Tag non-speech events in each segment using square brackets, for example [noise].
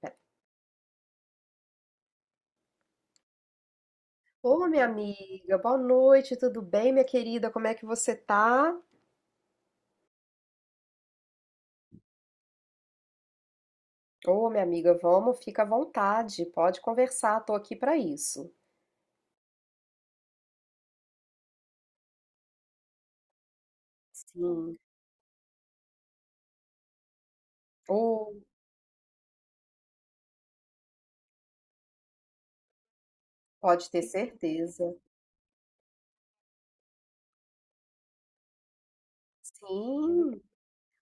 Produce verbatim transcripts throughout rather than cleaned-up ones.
Pera. Ô, minha amiga, boa noite, tudo bem, minha querida? Como é que você tá? Ô, minha amiga, vamos, fica à vontade, pode conversar, tô aqui pra isso. Sim. Ô, pode ter certeza. Sim,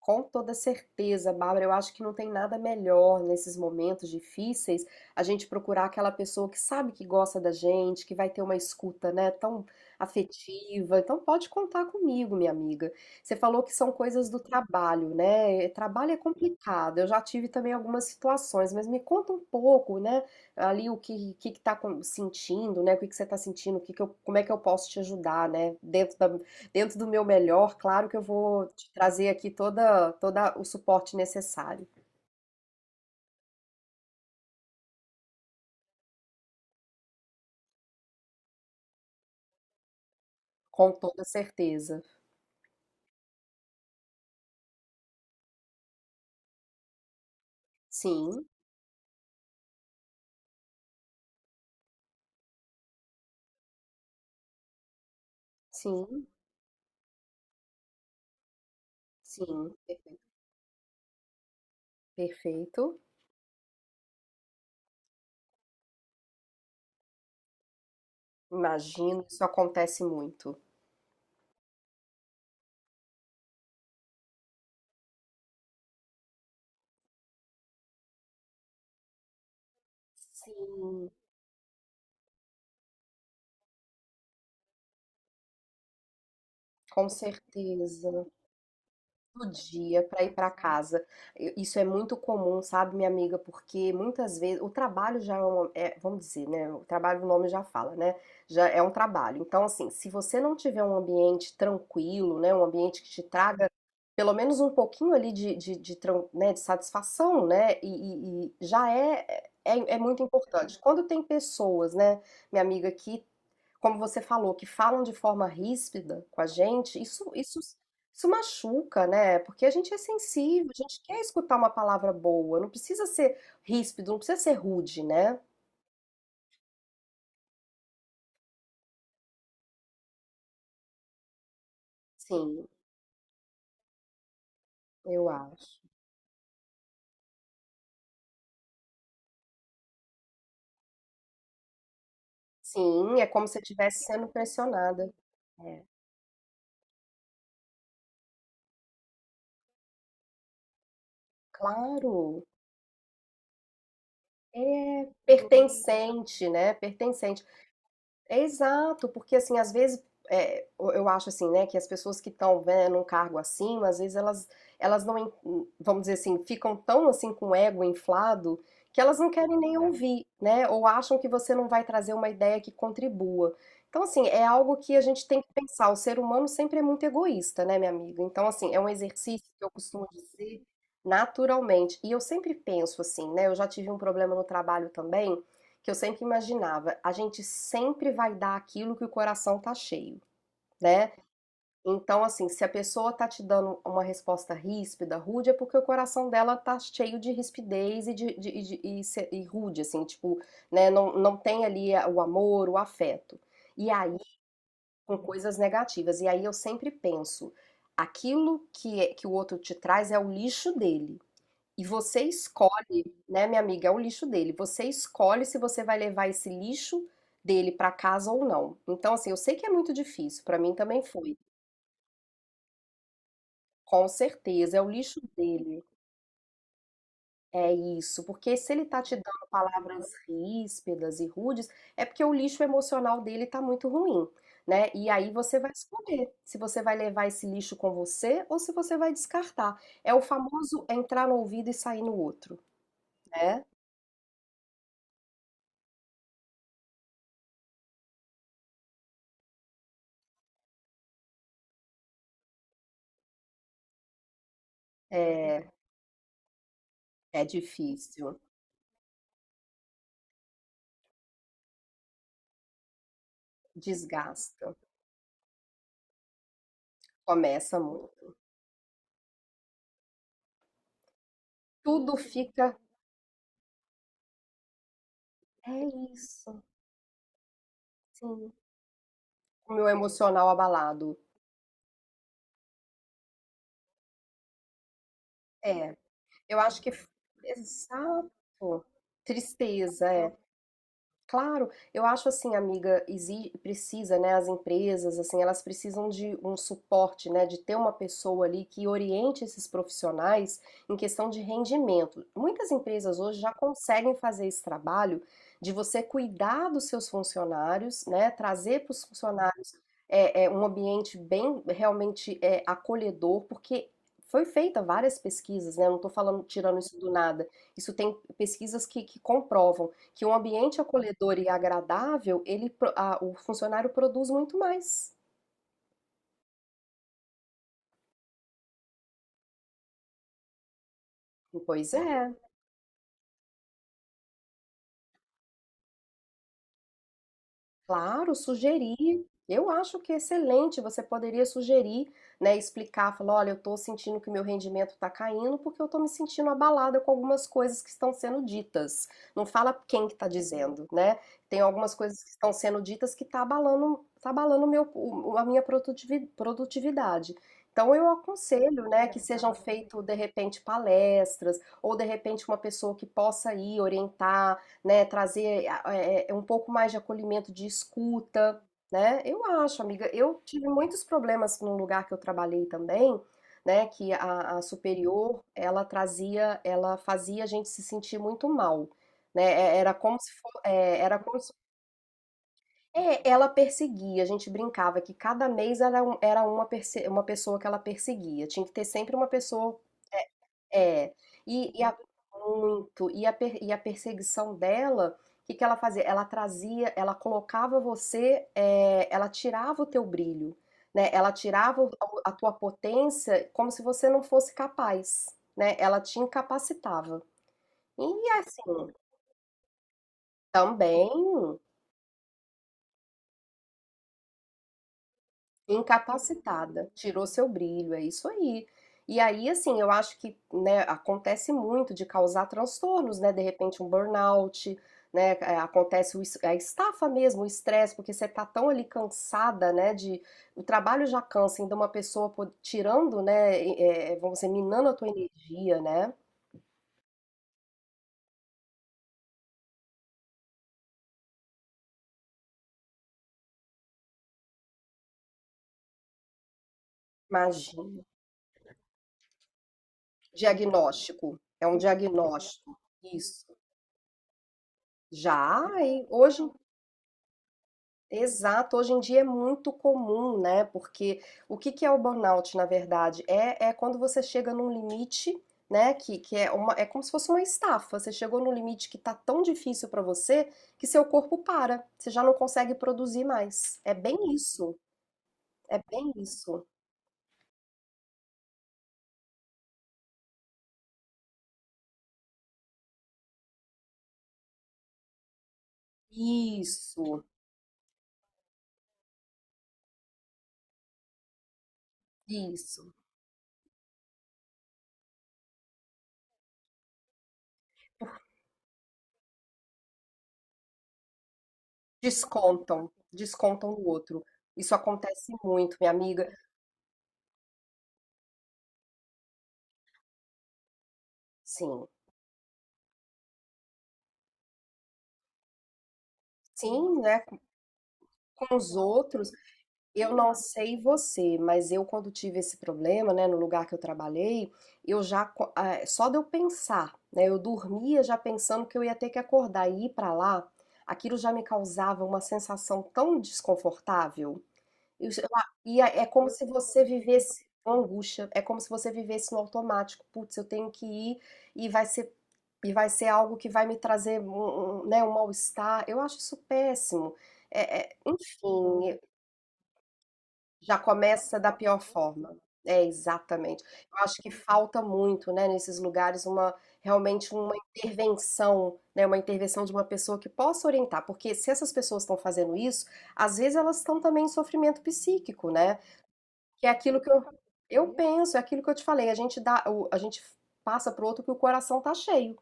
com toda certeza, Bárbara, eu acho que não tem nada melhor nesses momentos difíceis a gente procurar aquela pessoa que sabe que gosta da gente, que vai ter uma escuta, né, tão afetiva. Então pode contar comigo, minha amiga. Você falou que são coisas do trabalho, né? eh, Trabalho é complicado. Eu já tive também algumas situações, mas me conta um pouco, né, ali o que que, que tá com- sentindo, né? O que que você tá sentindo? O que que eu, como é que eu posso te ajudar, né, dentro da dentro do meu melhor, claro que eu vou te trazer aqui toda, toda o suporte necessário, com toda certeza. Sim, sim, sim, perfe- perfeito. Imagino, isso acontece muito. Sim, com certeza. Do dia para ir para casa. Eu- Isso é muito comum, sabe, minha amiga? Porque muitas vezes o trabalho já é, uma, é, vamos dizer, né? O trabalho, o nome já fala, né? Já é um trabalho. Então, assim, se você não tiver um ambiente tranquilo, né? Um ambiente que te traga pelo menos um pouquinho ali de, de, de, tran- né, de satisfação, né? E, e- e já é, é, é é muito importante. Quando tem pessoas, né, minha amiga, que, como você falou, que falam de forma ríspida com a gente, isso, isso isso machuca, né, porque a gente é sensível, a gente quer escutar uma palavra boa, não precisa ser ríspido, não precisa ser rude, né. Sim, eu acho. Sim, é como se eu estivesse sendo pressionada. É, claro, é pertencente, né, pertencente. É exato, porque assim, às vezes, é, eu eu acho assim, né, que as pessoas que estão, né, num cargo acima, às vezes elas, elas não, en- vamos dizer assim, ficam tão assim com o ego inflado que elas não querem nem ouvir, né, ou acham que você não vai trazer uma ideia que contribua. Então, assim, é algo que a gente tem que pensar. O ser humano sempre é muito egoísta, né, minha amiga? Então, assim, é um exercício que eu costumo dizer naturalmente. E eu sempre penso assim, né, eu já tive um problema no trabalho também que eu sempre imaginava. A gente sempre vai dar aquilo que o coração tá cheio, né? Então, assim, se a pessoa tá te dando uma resposta ríspida, rude, é porque o coração dela tá cheio de rispidez e, de, de- e de- e e rude, assim, tipo, né? Não, não tem ali o amor, o afeto. E aí, com coisas negativas. E aí eu sempre penso, aquilo que, é- que o outro te traz é o lixo dele. E você escolhe, né, minha amiga, é o lixo dele. Você escolhe se você vai levar esse lixo dele para casa ou não. Então, assim, eu sei que é muito difícil, para mim também foi. Com certeza, é o lixo dele. É isso, porque se ele tá te dando palavras ríspidas e rudes, é porque o lixo emocional dele tá muito ruim, né? E aí você vai escolher se você vai levar esse lixo com você ou se você vai descartar. É o famoso entrar no ouvido e sair no outro, né? É, é difícil. Desgasta, começa muito. Tudo fica é isso, sim. O meu emocional abalado. É, eu acho que exato. Tristeza, é. Claro, eu acho assim, amiga, exi- precisa, né, as empresas, assim, elas precisam de um suporte, né, de ter uma pessoa ali que oriente esses profissionais em questão de rendimento. Muitas empresas hoje já conseguem fazer esse trabalho de você cuidar dos seus funcionários, né, trazer para os funcionários é, é, um ambiente bem realmente é, acolhedor, porque foi feita várias pesquisas, né, não estou falando tirando isso do nada. Isso tem pesquisas que, que comprovam que um ambiente acolhedor e agradável, ele, pro- a- o funcionário produz muito mais. Pois é. Claro, sugerir. Eu acho que é excelente. Você poderia sugerir, né, explicar, falar, olha, eu estou sentindo que meu rendimento está caindo porque eu estou me sentindo abalada com algumas coisas que estão sendo ditas. Não fala quem que está dizendo, né? Tem algumas coisas que estão sendo ditas que está abalando, tá abalando o meu, o- a minha produtivi- produtividade. Então eu aconselho, né, que sejam feitas de repente palestras ou de repente uma pessoa que possa ir orientar, né, trazer é, é, um pouco mais de acolhimento, de escuta, né? Eu acho, amiga, eu tive muitos problemas num lugar que eu trabalhei também, né, que a, a superior, ela trazia, ela fazia a gente se sentir muito mal, né? É- Era como se for, é, era como se, é, ela perseguia, a gente brincava que cada mês era, um- era uma, perse- uma pessoa que ela perseguia, tinha que ter sempre uma pessoa é, e, e a, muito, e a, per- e a perseguição dela, o que que ela fazia? Ela trazia, ela colocava você, é, ela tirava o teu brilho, né? Ela tirava o- a tua potência como se você não fosse capaz, né? Ela te incapacitava. E assim, também. Incapacitada, tirou seu brilho, é isso aí. E aí, assim, eu acho que, né, acontece muito de causar transtornos, né? De repente um burnout, né? é, Acontece o es- a estafa mesmo, o estresse, porque você tá tão ali cansada, né? De o trabalho já cansa, ainda uma pessoa po- tirando, né? é, é, vamos dizer, minando a tua energia, né? Imagina. Diagnóstico. É um diagnóstico. Isso. Já, hein? Hoje Exato, hoje em dia é muito comum, né? Porque o que que é o burnout, na verdade? É, é quando você chega num limite, né? Que, que é uma, é como se fosse uma estafa. Você chegou num limite que tá tão difícil para você que seu corpo para, você já não consegue produzir mais. É bem isso, é bem isso. Isso, isso. Descontam, descontam no outro. Isso acontece muito, minha amiga. Sim, sim, né? Com os outros. Eu não sei você, mas eu quando tive esse problema, né, no lugar que eu trabalhei, eu já, co- ah, só de eu pensar, né, eu dormia já pensando que eu ia ter que acordar e ir pra lá, aquilo já me causava uma sensação tão desconfortável. E, sei lá, e é é como se você vivesse uma angústia, é como se você vivesse no automático. Putz, eu tenho que ir e vai ser e vai ser algo que vai me trazer um, um, né, um mal-estar. Eu acho isso péssimo. É, é, enfim, já começa da pior forma. É, exatamente. Eu acho que falta muito, né, nesses lugares uma realmente uma intervenção, né, uma intervenção de uma pessoa que possa orientar, porque se essas pessoas estão fazendo isso, às vezes elas estão também em sofrimento psíquico, né? Que é aquilo que eu, eu penso, é aquilo que eu te falei, a gente dá, o- a gente passa pro outro que o coração tá cheio,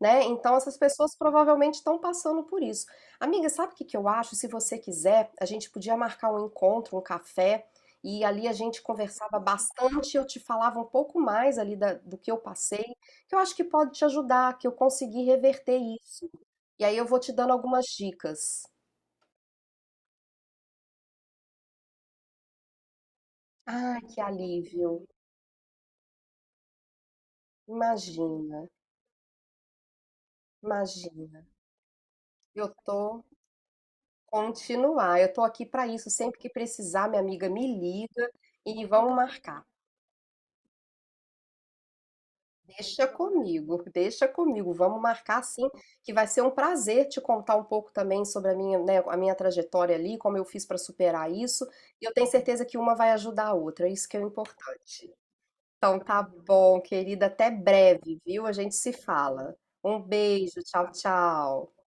né? Então essas pessoas provavelmente estão passando por isso. Amiga, sabe o que que eu acho? Se você quiser, a gente podia marcar um encontro, um café, e ali a gente conversava bastante, eu te falava um pouco mais ali da- do que eu passei, que eu acho que pode te ajudar, que eu consegui reverter isso. E aí eu vou te dando algumas dicas. Ai, que alívio. Imagina, imagina. Eu tô Continuar. Eu tô aqui para isso. Sempre que precisar, minha amiga me liga e vamos marcar. Deixa comigo, [laughs] deixa comigo. Vamos marcar sim, que vai ser um prazer te contar um pouco também sobre a minha, né, a minha trajetória ali, como eu fiz para superar isso. E eu tenho certeza que uma vai ajudar a outra. Isso que é o importante. Então tá bom, querida. Até breve, viu? A gente se fala. Um beijo. Tchau, tchau.